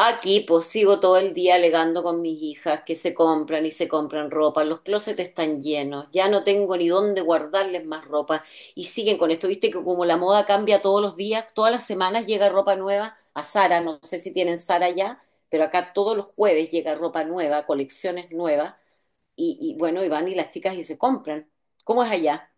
Aquí pues sigo todo el día alegando con mis hijas que se compran y se compran ropa, los closets están llenos, ya no tengo ni dónde guardarles más ropa y siguen con esto, viste que como la moda cambia todos los días, todas las semanas llega ropa nueva a Sara, no sé si tienen Sara ya, pero acá todos los jueves llega ropa nueva, colecciones nuevas y bueno, y van y las chicas y se compran. ¿Cómo es allá?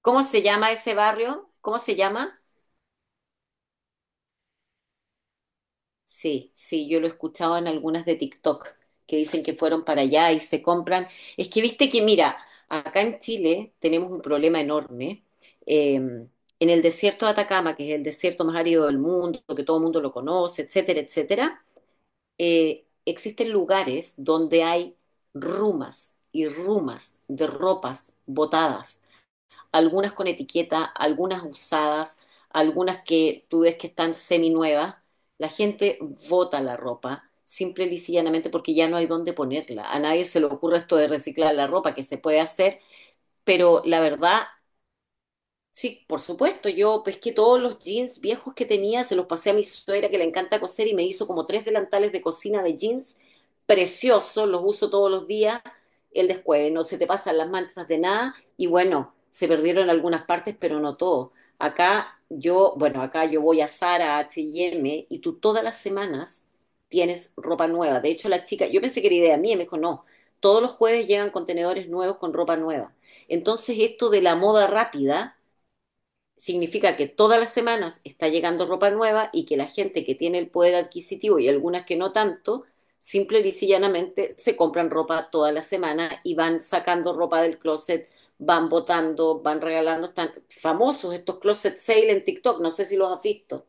¿Cómo se llama ese barrio? ¿Cómo se llama? Sí, sí, yo lo he escuchado en algunas de TikTok que dicen que fueron para allá y se compran. Es que viste que, mira, acá en Chile tenemos un problema enorme. En el desierto de Atacama, que es el desierto más árido del mundo, que todo el mundo lo conoce, etcétera, etcétera, existen lugares donde hay rumas y rumas de ropas botadas, algunas con etiqueta, algunas usadas, algunas que tú ves que están seminuevas. La gente vota la ropa simple y llanamente porque ya no hay dónde ponerla. A nadie se le ocurre esto de reciclar la ropa, que se puede hacer, pero la verdad. Sí, por supuesto, yo pesqué todos los jeans viejos que tenía, se los pasé a mi suegra que le encanta coser y me hizo como tres delantales de cocina de jeans preciosos, los uso todos los días, el descueve, no se te pasan las manchas de nada y bueno, se perdieron algunas partes, pero no todo. Acá yo, bueno, acá yo voy a Zara, a H&M y tú todas las semanas tienes ropa nueva. De hecho, la chica, yo pensé que era idea mía y me dijo, no, todos los jueves llegan contenedores nuevos con ropa nueva. Entonces, esto de la moda rápida significa que todas las semanas está llegando ropa nueva y que la gente que tiene el poder adquisitivo y algunas que no tanto, simple y llanamente se compran ropa toda la semana y van sacando ropa del closet, van botando, van regalando. Están famosos estos closet sale en TikTok, no sé si los has visto.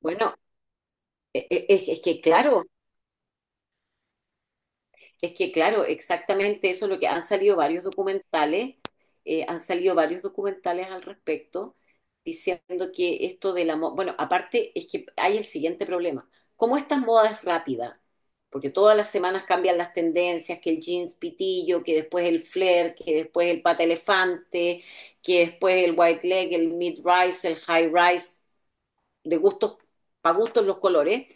Bueno, es que claro. Es que, claro, exactamente eso es lo que han salido varios documentales, han salido varios documentales al respecto, diciendo que esto de la moda, bueno, aparte es que hay el siguiente problema. Como estas modas es rápida, porque todas las semanas cambian las tendencias, que el jeans pitillo, que después el flare, que después el pata elefante, que después el white leg, el mid rise, el high rise, de gustos, para gustos los colores,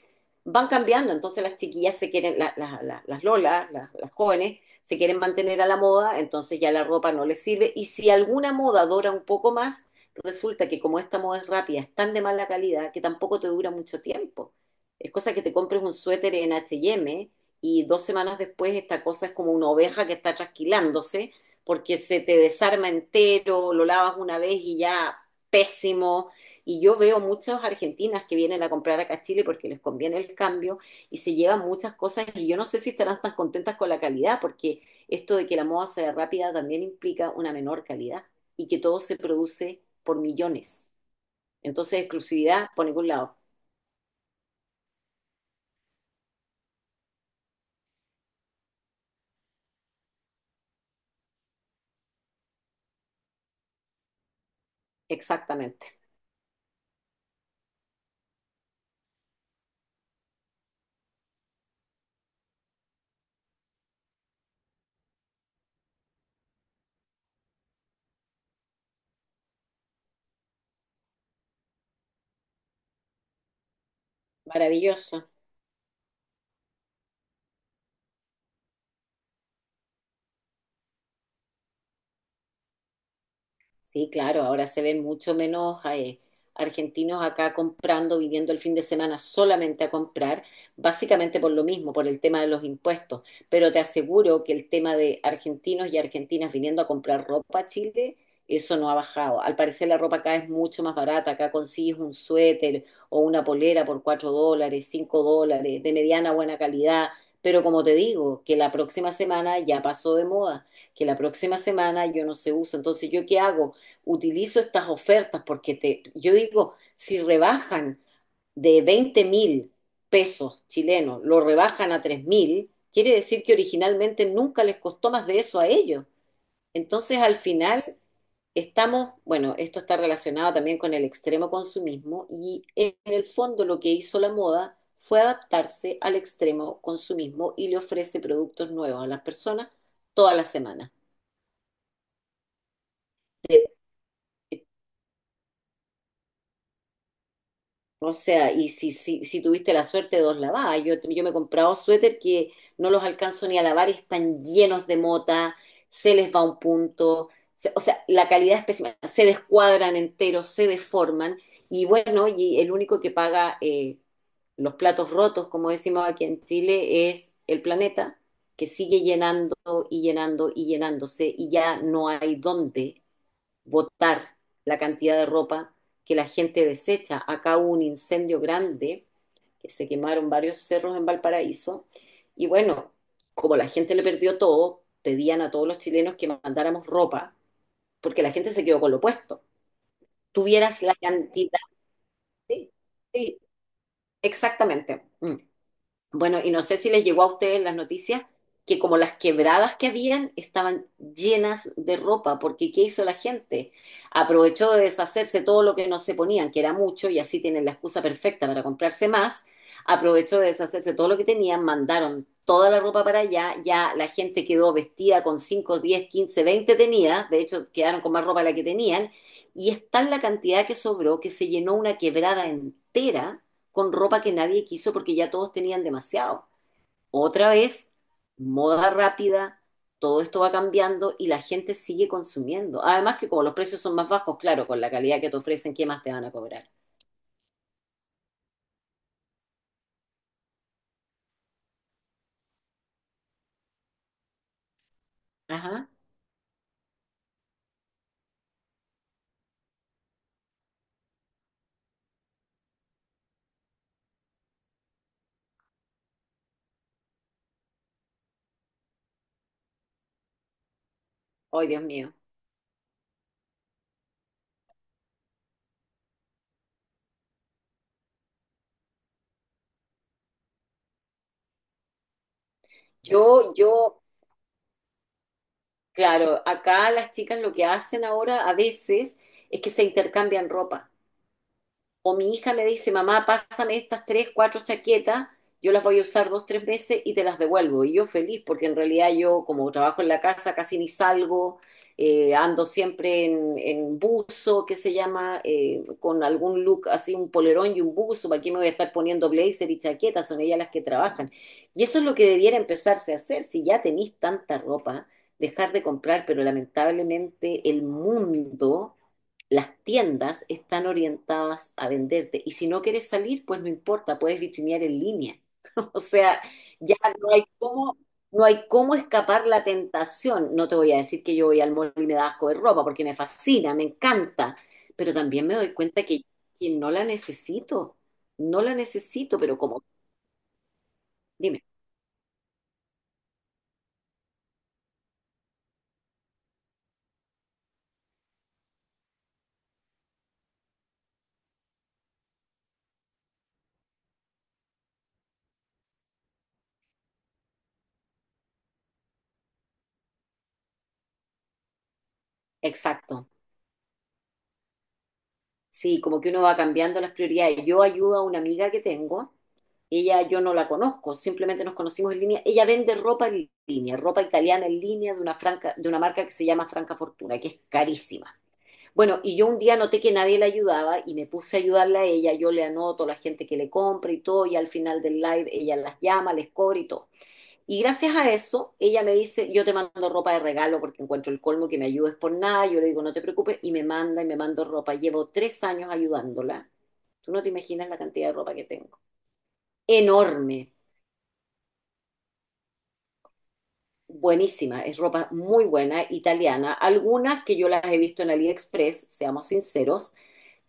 van cambiando. Entonces las chiquillas se quieren, las lolas, las jóvenes, se quieren mantener a la moda, entonces ya la ropa no les sirve. Y si alguna moda dura un poco más, resulta que como esta moda es rápida, es tan de mala calidad que tampoco te dura mucho tiempo. Es cosa que te compres un suéter en H&M y eme y dos semanas después esta cosa es como una oveja que está trasquilándose porque se te desarma entero, lo lavas una vez y ya pésimo. Y yo veo muchas argentinas que vienen a comprar acá a Chile porque les conviene el cambio y se llevan muchas cosas y yo no sé si estarán tan contentas con la calidad porque esto de que la moda sea rápida también implica una menor calidad y que todo se produce por millones. Entonces, exclusividad por ningún lado. Exactamente. Maravilloso. Sí, claro, ahora se ven mucho menos argentinos acá comprando, viniendo el fin de semana solamente a comprar, básicamente por lo mismo, por el tema de los impuestos. Pero te aseguro que el tema de argentinos y argentinas viniendo a comprar ropa a Chile, eso no ha bajado. Al parecer la ropa acá es mucho más barata, acá consigues un suéter o una polera por $4, $5, de mediana buena calidad. Pero como te digo, que la próxima semana ya pasó de moda, que la próxima semana yo no se uso. Entonces, ¿yo qué hago? Utilizo estas ofertas porque te, yo digo, si rebajan de 20.000 pesos chilenos, lo rebajan a 3.000, quiere decir que originalmente nunca les costó más de eso a ellos. Entonces, al final, estamos, bueno, esto está relacionado también con el extremo consumismo y en el fondo lo que hizo la moda fue adaptarse al extremo consumismo y le ofrece productos nuevos a las personas todas las semanas, de. O sea, y si tuviste la suerte, de dos lavadas. Yo me he comprado suéter que no los alcanzo ni a lavar, y están llenos de mota, se les va un punto, o sea, la calidad es pésima, se descuadran enteros, se deforman, y bueno, y el único que paga los platos rotos, como decimos aquí en Chile, es el planeta, que sigue llenando y llenando y llenándose, y ya no hay dónde votar la cantidad de ropa que la gente desecha. Acá hubo un incendio grande, que se quemaron varios cerros en Valparaíso, y bueno, como la gente le perdió todo, pedían a todos los chilenos que mandáramos ropa, porque la gente se quedó con lo puesto. Tuvieras la cantidad, sí, sí, exactamente. Mm. Bueno, y no sé si les llegó a ustedes las noticias que como las quebradas que habían estaban llenas de ropa, porque ¿qué hizo la gente? Aprovechó de deshacerse todo lo que no se ponían, que era mucho, y así tienen la excusa perfecta para comprarse más. Aprovechó de deshacerse todo lo que tenían, mandaron toda la ropa para allá, ya la gente quedó vestida con 5, 10, 15, 20 tenía, de hecho quedaron con más ropa de la que tenían, y es tal la cantidad que sobró que se llenó una quebrada entera con ropa que nadie quiso porque ya todos tenían demasiado. Otra vez, moda rápida, todo esto va cambiando y la gente sigue consumiendo. Además que como los precios son más bajos, claro, con la calidad que te ofrecen, ¿qué más te van a cobrar? Ajá. Ay, Dios mío. Yo, yo, claro, acá las chicas lo que hacen ahora a veces es que se intercambian ropa. O mi hija me dice, mamá, pásame estas tres, cuatro chaquetas, yo las voy a usar dos, tres veces y te las devuelvo. Y yo feliz, porque en realidad yo como trabajo en la casa casi ni salgo, ando siempre en, buzo, que se llama, con algún look así, un polerón y un buzo. ¿Para qué me voy a estar poniendo blazer y chaquetas? Son ellas las que trabajan. Y eso es lo que debiera empezarse a hacer, si ya tenéis tanta ropa, dejar de comprar, pero lamentablemente el mundo, las tiendas están orientadas a venderte. Y si no quieres salir, pues no importa, puedes vitrinear en línea. O sea, ya no hay cómo, no hay cómo escapar la tentación. No te voy a decir que yo voy al mall y me da asco de ropa, porque me fascina, me encanta. Pero también me doy cuenta que no la necesito. No la necesito, pero como, dime, exacto. Sí, como que uno va cambiando las prioridades. Yo ayudo a una amiga que tengo, ella yo no la conozco, simplemente nos conocimos en línea. Ella vende ropa en línea, ropa italiana en línea de una marca que se llama Franca Fortuna, que es carísima. Bueno, y yo un día noté que nadie la ayudaba y me puse a ayudarla a ella, yo le anoto a la gente que le compra y todo, y al final del live ella las llama, les cobra y todo. Y gracias a eso, ella me dice, yo te mando ropa de regalo porque encuentro el colmo que me ayudes por nada, yo le digo, no te preocupes, y me manda y me mando ropa. Llevo 3 años ayudándola. Tú no te imaginas la cantidad de ropa que tengo. Enorme, buenísima, es ropa muy buena, italiana. Algunas que yo las he visto en AliExpress, seamos sinceros,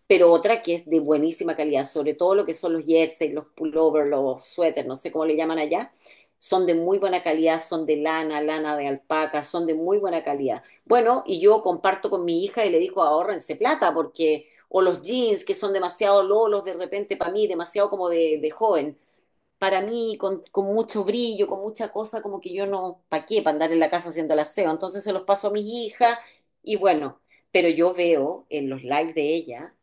pero otra que es de buenísima calidad, sobre todo lo que son los jerseys, los pullovers, los suéteres, no sé cómo le llaman allá, son de muy buena calidad, son de lana, lana de alpaca, son de muy buena calidad. Bueno, y yo comparto con mi hija y le digo, ahorrense plata, porque, o los jeans que son demasiado lolos de repente para mí, demasiado como de, joven. Para mí, con mucho brillo, con mucha cosa, como que yo no, ¿para qué? Para andar en la casa haciendo el aseo. Entonces se los paso a mis hijas y bueno, pero yo veo en los lives de ella,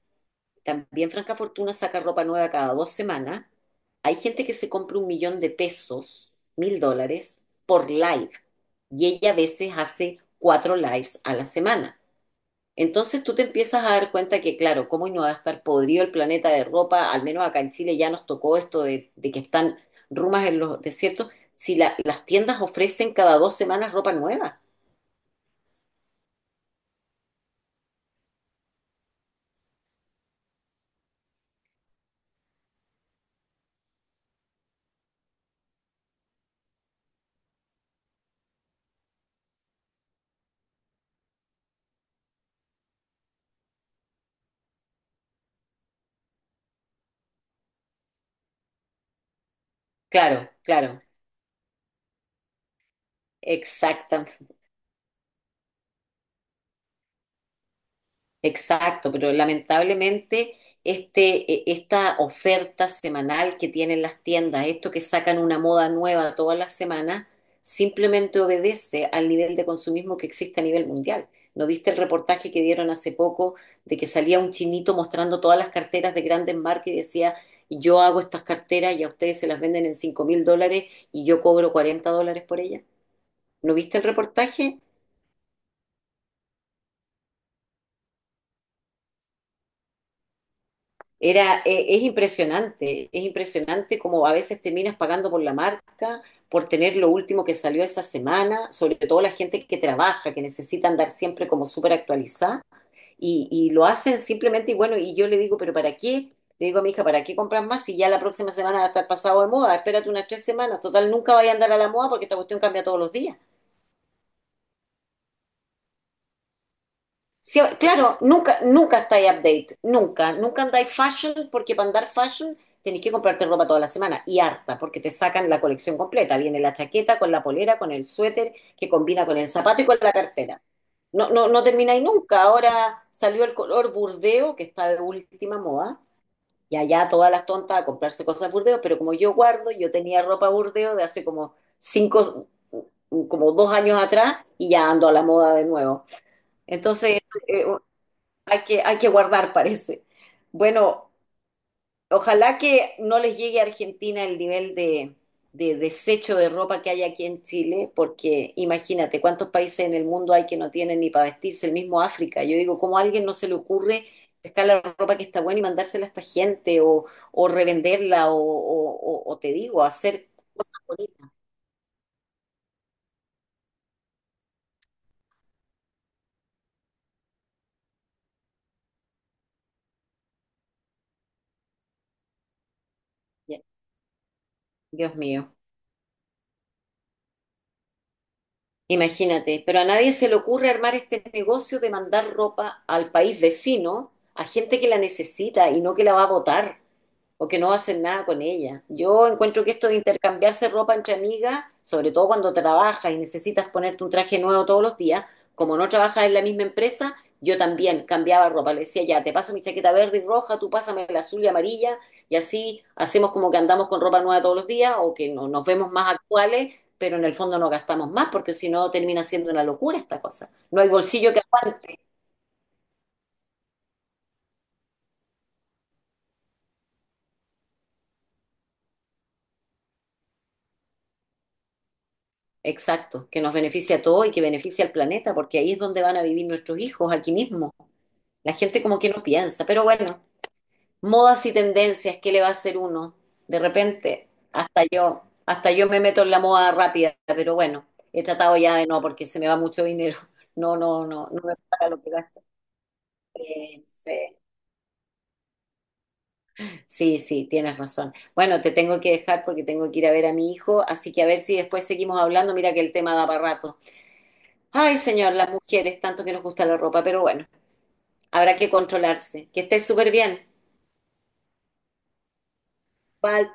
también Franca Fortuna saca ropa nueva cada 2 semanas. Hay gente que se compra 1.000.000 de pesos, 1.000 dólares, por live. Y ella a veces hace cuatro lives a la semana. Entonces tú te empiezas a dar cuenta que, claro, cómo no va a estar podrido el planeta de ropa, al menos acá en Chile ya nos tocó esto de que están rumas en los desiertos, si las tiendas ofrecen cada 2 semanas ropa nueva. Claro, claro, exactamente. Exacto, pero lamentablemente esta oferta semanal que tienen las tiendas, esto que sacan una moda nueva todas las semanas, simplemente obedece al nivel de consumismo que existe a nivel mundial. ¿No viste el reportaje que dieron hace poco de que salía un chinito mostrando todas las carteras de grandes marcas y decía, yo hago estas carteras y a ustedes se las venden en $5.000 y yo cobro $40 por ellas? ¿No viste el reportaje? Es impresionante, es impresionante como a veces terminas pagando por la marca, por tener lo último que salió esa semana, sobre todo la gente que trabaja, que necesita andar siempre como súper actualizada, y, lo hacen simplemente, y bueno, y yo le digo, pero ¿para qué? Le digo a mi hija, ¿para qué compras más si ya la próxima semana va a estar pasado de moda? Espérate unas 3 semanas, total, nunca vaya a andar a la moda porque esta cuestión cambia todos los días. Sí, claro, nunca, nunca estáis update, nunca, nunca andáis fashion, porque para andar fashion tenéis que comprarte ropa toda la semana y harta, porque te sacan la colección completa. Viene la chaqueta con la polera, con el suéter que combina con el zapato y con la cartera. No, no, no termináis nunca. Ahora salió el color burdeo, que está de última moda, y allá todas las tontas a comprarse cosas burdeo, pero como yo guardo, yo tenía ropa burdeo de hace como cinco, como 2 años atrás y ya ando a la moda de nuevo. Entonces, eh, hay que guardar, parece. Bueno, ojalá que no les llegue a Argentina el nivel de, desecho de ropa que hay aquí en Chile, porque imagínate cuántos países en el mundo hay que no tienen ni para vestirse, el mismo África. Yo digo, ¿cómo a alguien no se le ocurre pescar la ropa que está buena y mandársela a esta gente o, revenderla o, o te digo, hacer cosas bonitas? Dios mío. Imagínate, pero a nadie se le ocurre armar este negocio de mandar ropa al país vecino a gente que la necesita y no que la va a botar o que no hacen nada con ella. Yo encuentro que esto de intercambiarse ropa entre amigas, sobre todo cuando trabajas y necesitas ponerte un traje nuevo todos los días, como no trabajas en la misma empresa, yo también cambiaba ropa. Le decía, ya, te paso mi chaqueta verde y roja, tú pásame la azul y amarilla, y así hacemos como que andamos con ropa nueva todos los días o que no, nos vemos más actuales, pero en el fondo no gastamos más, porque si no termina siendo una locura esta cosa. No hay bolsillo que aguante. Exacto, que nos beneficia a todos y que beneficia al planeta, porque ahí es donde van a vivir nuestros hijos, aquí mismo. La gente como que no piensa, pero bueno, modas y tendencias, ¿qué le va a hacer uno? De repente, hasta yo me meto en la moda rápida, pero bueno, he tratado ya de no, porque se me va mucho dinero. No, no, no, no me paga lo que gasto. Sí, sí, sí, tienes razón. Bueno, te tengo que dejar porque tengo que ir a ver a mi hijo, así que a ver si después seguimos hablando. Mira que el tema da para rato. Ay, señor, las mujeres, tanto que nos gusta la ropa, pero bueno, habrá que controlarse. Que estés súper bien. Bye.